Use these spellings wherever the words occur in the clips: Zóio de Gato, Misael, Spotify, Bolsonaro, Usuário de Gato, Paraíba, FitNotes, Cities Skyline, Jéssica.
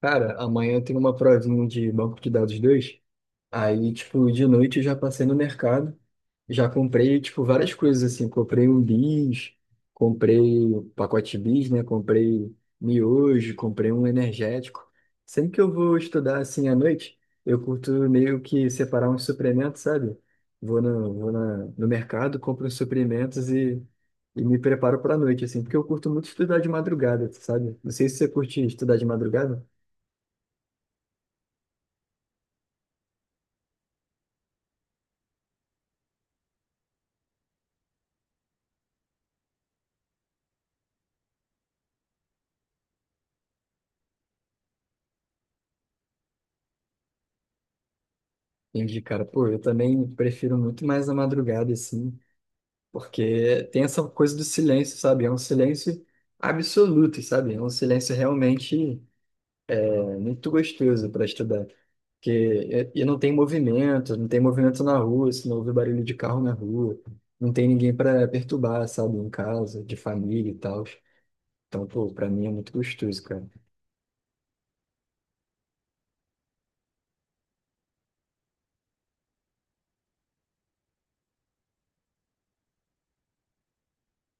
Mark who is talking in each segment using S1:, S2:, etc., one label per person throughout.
S1: Cara, amanhã tem uma provinha de banco de dados dois. Aí, tipo, de noite eu já passei no mercado. Já comprei, tipo, várias coisas, assim. Comprei um bis, comprei pacote bis, né? Comprei miojo, comprei um energético. Sempre que eu vou estudar, assim, à noite, eu curto meio que separar uns suplementos, sabe? Vou no, vou na, No mercado, compro uns suplementos e me preparo pra noite, assim. Porque eu curto muito estudar de madrugada, sabe? Não sei se você curte estudar de madrugada. Entendi, cara. Pô, eu também prefiro muito mais a madrugada, assim, porque tem essa coisa do silêncio, sabe? É um silêncio absoluto, sabe? É um silêncio realmente muito gostoso para estudar. Porque e não tem movimento, não tem movimento na rua, se não ouve barulho de carro na rua, não tem ninguém para perturbar, sabe? Em casa, de família e tal. Então, pô, para mim é muito gostoso, cara.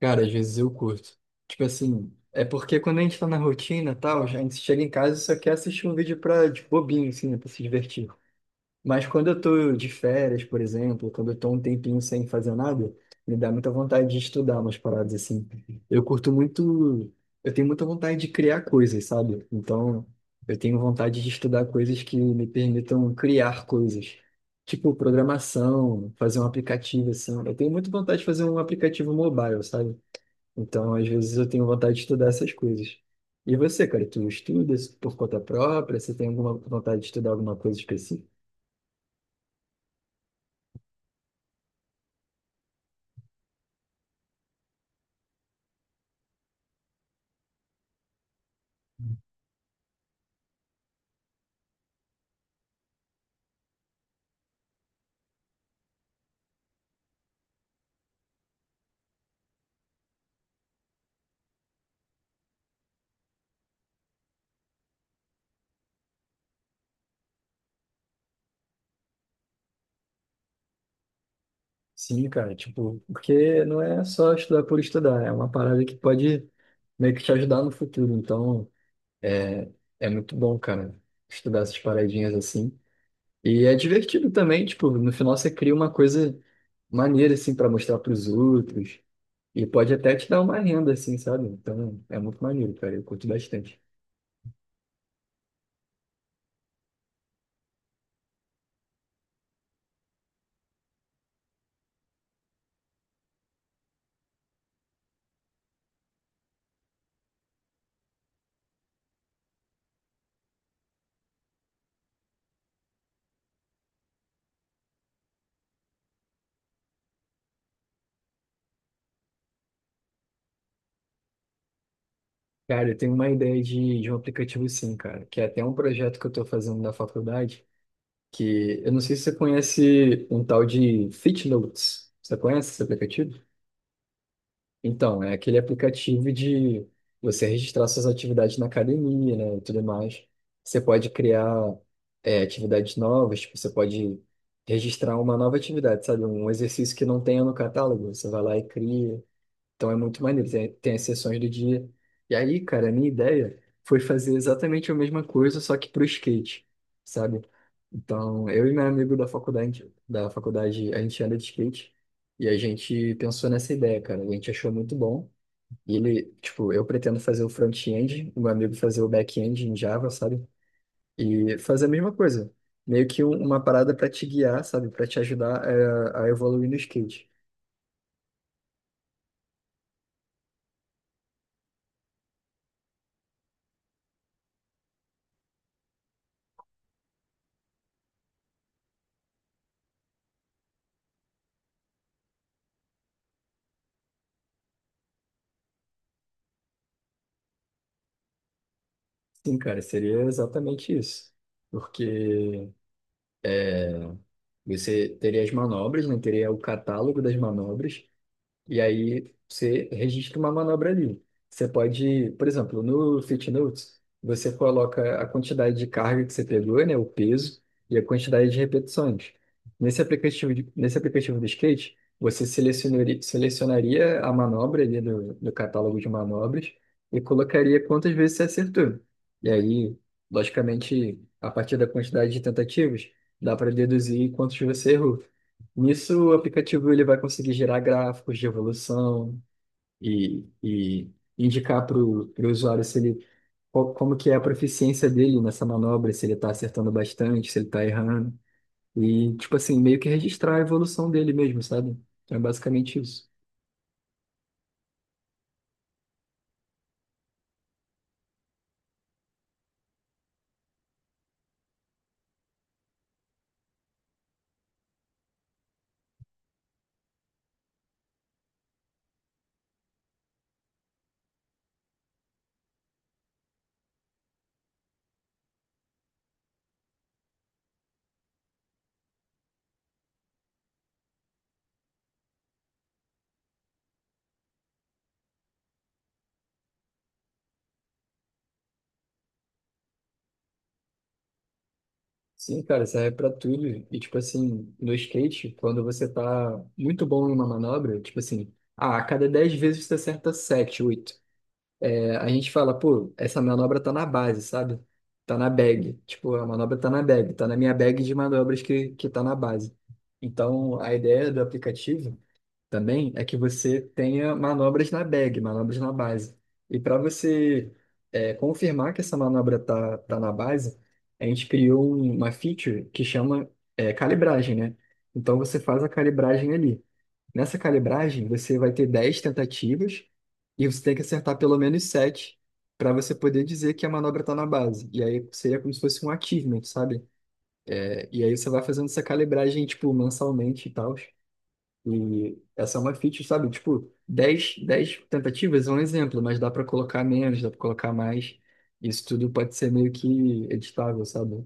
S1: Cara, às vezes eu curto. Tipo assim, é porque quando a gente tá na rotina e tal, a gente chega em casa e só quer assistir um vídeo pra, de bobinho, assim, né, pra se divertir. Mas quando eu tô de férias, por exemplo, quando eu tô um tempinho sem fazer nada, me dá muita vontade de estudar umas paradas assim. Eu curto muito, eu tenho muita vontade de criar coisas, sabe? Então, eu tenho vontade de estudar coisas que me permitam criar coisas. Tipo, programação, fazer um aplicativo, assim. Eu tenho muita vontade de fazer um aplicativo mobile, sabe? Então, às vezes eu tenho vontade de estudar essas coisas. E você, cara, tu estuda por conta própria? Você tem alguma vontade de estudar alguma coisa específica? Sim, cara, tipo, porque não é só estudar por estudar, é uma parada que pode meio que te ajudar no futuro. Então, é, é muito bom, cara, estudar essas paradinhas assim. E é divertido também, tipo, no final você cria uma coisa maneira, assim, pra mostrar pros outros. E pode até te dar uma renda, assim, sabe? Então, é muito maneiro, cara, eu curto bastante. Cara, eu tenho uma ideia de um aplicativo sim, cara, que é até um projeto que eu estou fazendo na faculdade, que eu não sei se você conhece um tal de FitNotes. Você conhece esse aplicativo? Então, é aquele aplicativo de você registrar suas atividades na academia, né, e tudo mais. Você pode criar atividades novas, tipo, você pode registrar uma nova atividade, sabe? Um exercício que não tenha no catálogo, você vai lá e cria. Então é muito maneiro, tem as sessões do dia. E aí, cara, a minha ideia foi fazer exatamente a mesma coisa, só que pro skate, sabe? Então, eu e meu amigo da faculdade, a gente anda de skate e a gente pensou nessa ideia, cara. A gente achou muito bom. E ele, tipo, eu pretendo fazer o front-end, o meu amigo fazer o back-end em Java, sabe? E fazer a mesma coisa. Meio que uma parada para te guiar, sabe? Para te ajudar a evoluir no skate. Sim, cara, seria exatamente isso. Porque você teria as manobras, né? Teria o catálogo das manobras, e aí você registra uma manobra ali. Você pode, por exemplo, no FitNotes, você coloca a quantidade de carga que você pegou, né, o peso e a quantidade de repetições. Nesse aplicativo do skate, você selecionaria, selecionaria a manobra ali do catálogo de manobras e colocaria quantas vezes você acertou. E aí, logicamente, a partir da quantidade de tentativas, dá para deduzir quantos você errou. Nisso, o aplicativo ele vai conseguir gerar gráficos de evolução e indicar para o usuário se ele, qual- como que é a proficiência dele nessa manobra, se ele está acertando bastante, se ele está errando. E, tipo assim, meio que registrar a evolução dele mesmo, sabe? Então, é basicamente isso. Sim, cara, serve para tudo. E, tipo assim, no skate, quando você tá muito bom em uma manobra, tipo assim, ah, a cada 10 vezes você acerta 7 oito. A gente fala, pô, essa manobra tá na base, sabe? Tá na bag. Tipo, a manobra tá na bag, tá na minha bag de manobras que tá na base. Então, a ideia do aplicativo também é que você tenha manobras na bag, manobras na base. E para você confirmar que essa manobra tá na base, a gente criou uma feature que chama calibragem, né? Então, você faz a calibragem ali. Nessa calibragem, você vai ter 10 tentativas e você tem que acertar pelo menos 7 para você poder dizer que a manobra está na base. E aí seria como se fosse um achievement, sabe? É, e aí você vai fazendo essa calibragem, tipo, mensalmente e tal. E essa é uma feature, sabe? Tipo, dez tentativas é um exemplo, mas dá para colocar menos, dá para colocar mais. Isso tudo pode ser meio que editável, sabe?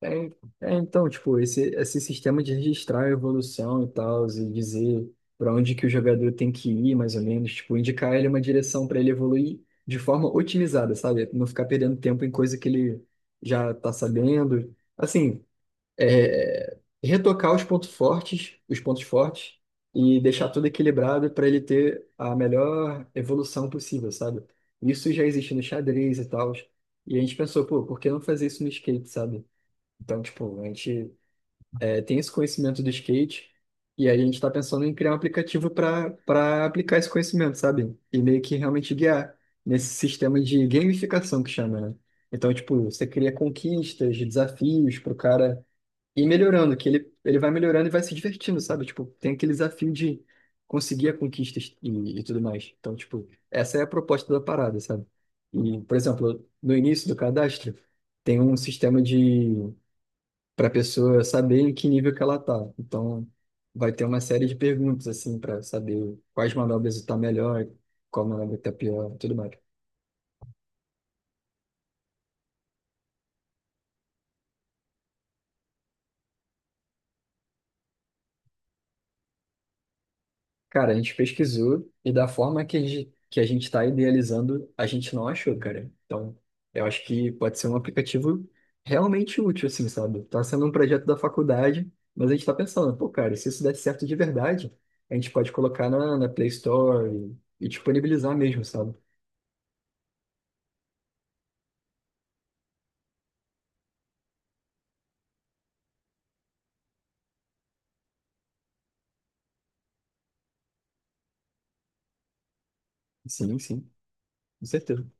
S1: É, então, tipo, esse sistema de registrar a evolução e tal, e dizer para onde que o jogador tem que ir, mais ou menos, tipo, indicar ele uma direção para ele evoluir de forma otimizada, sabe? Não ficar perdendo tempo em coisa que ele já tá sabendo. Assim, retocar os pontos fortes, e deixar tudo equilibrado para ele ter a melhor evolução possível, sabe? Isso já existe no xadrez e tal. E a gente pensou, pô, por que não fazer isso no skate, sabe? Então, tipo, a gente tem esse conhecimento do skate e aí a gente está pensando em criar um aplicativo para aplicar esse conhecimento, sabe? E meio que realmente guiar nesse sistema de gamificação que chama, né? Então, tipo, você cria conquistas, desafios para o cara ir melhorando, ele vai melhorando e vai se divertindo, sabe? Tipo, tem aquele desafio de conseguir a conquista e tudo mais. Então, tipo, essa é a proposta da parada, sabe? E, por exemplo, no início do cadastro, tem um sistema de para a pessoa saber em que nível que ela tá. Então, vai ter uma série de perguntas assim para saber quais manobras está melhor, qual manobra está pior, tudo mais. Cara, a gente pesquisou e da forma que que a gente está idealizando, a gente não achou, cara. Então, eu acho que pode ser um aplicativo realmente útil, assim, sabe? Tá sendo um projeto da faculdade, mas a gente está pensando, pô, cara, se isso der certo de verdade, a gente pode colocar na Play Store e disponibilizar mesmo, sabe? Sim, sim, com certeza.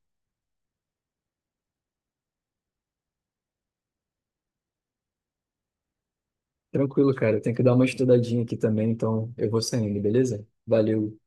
S1: Tranquilo, cara. Eu tenho que dar uma estudadinha aqui também, então eu vou saindo, beleza? Valeu.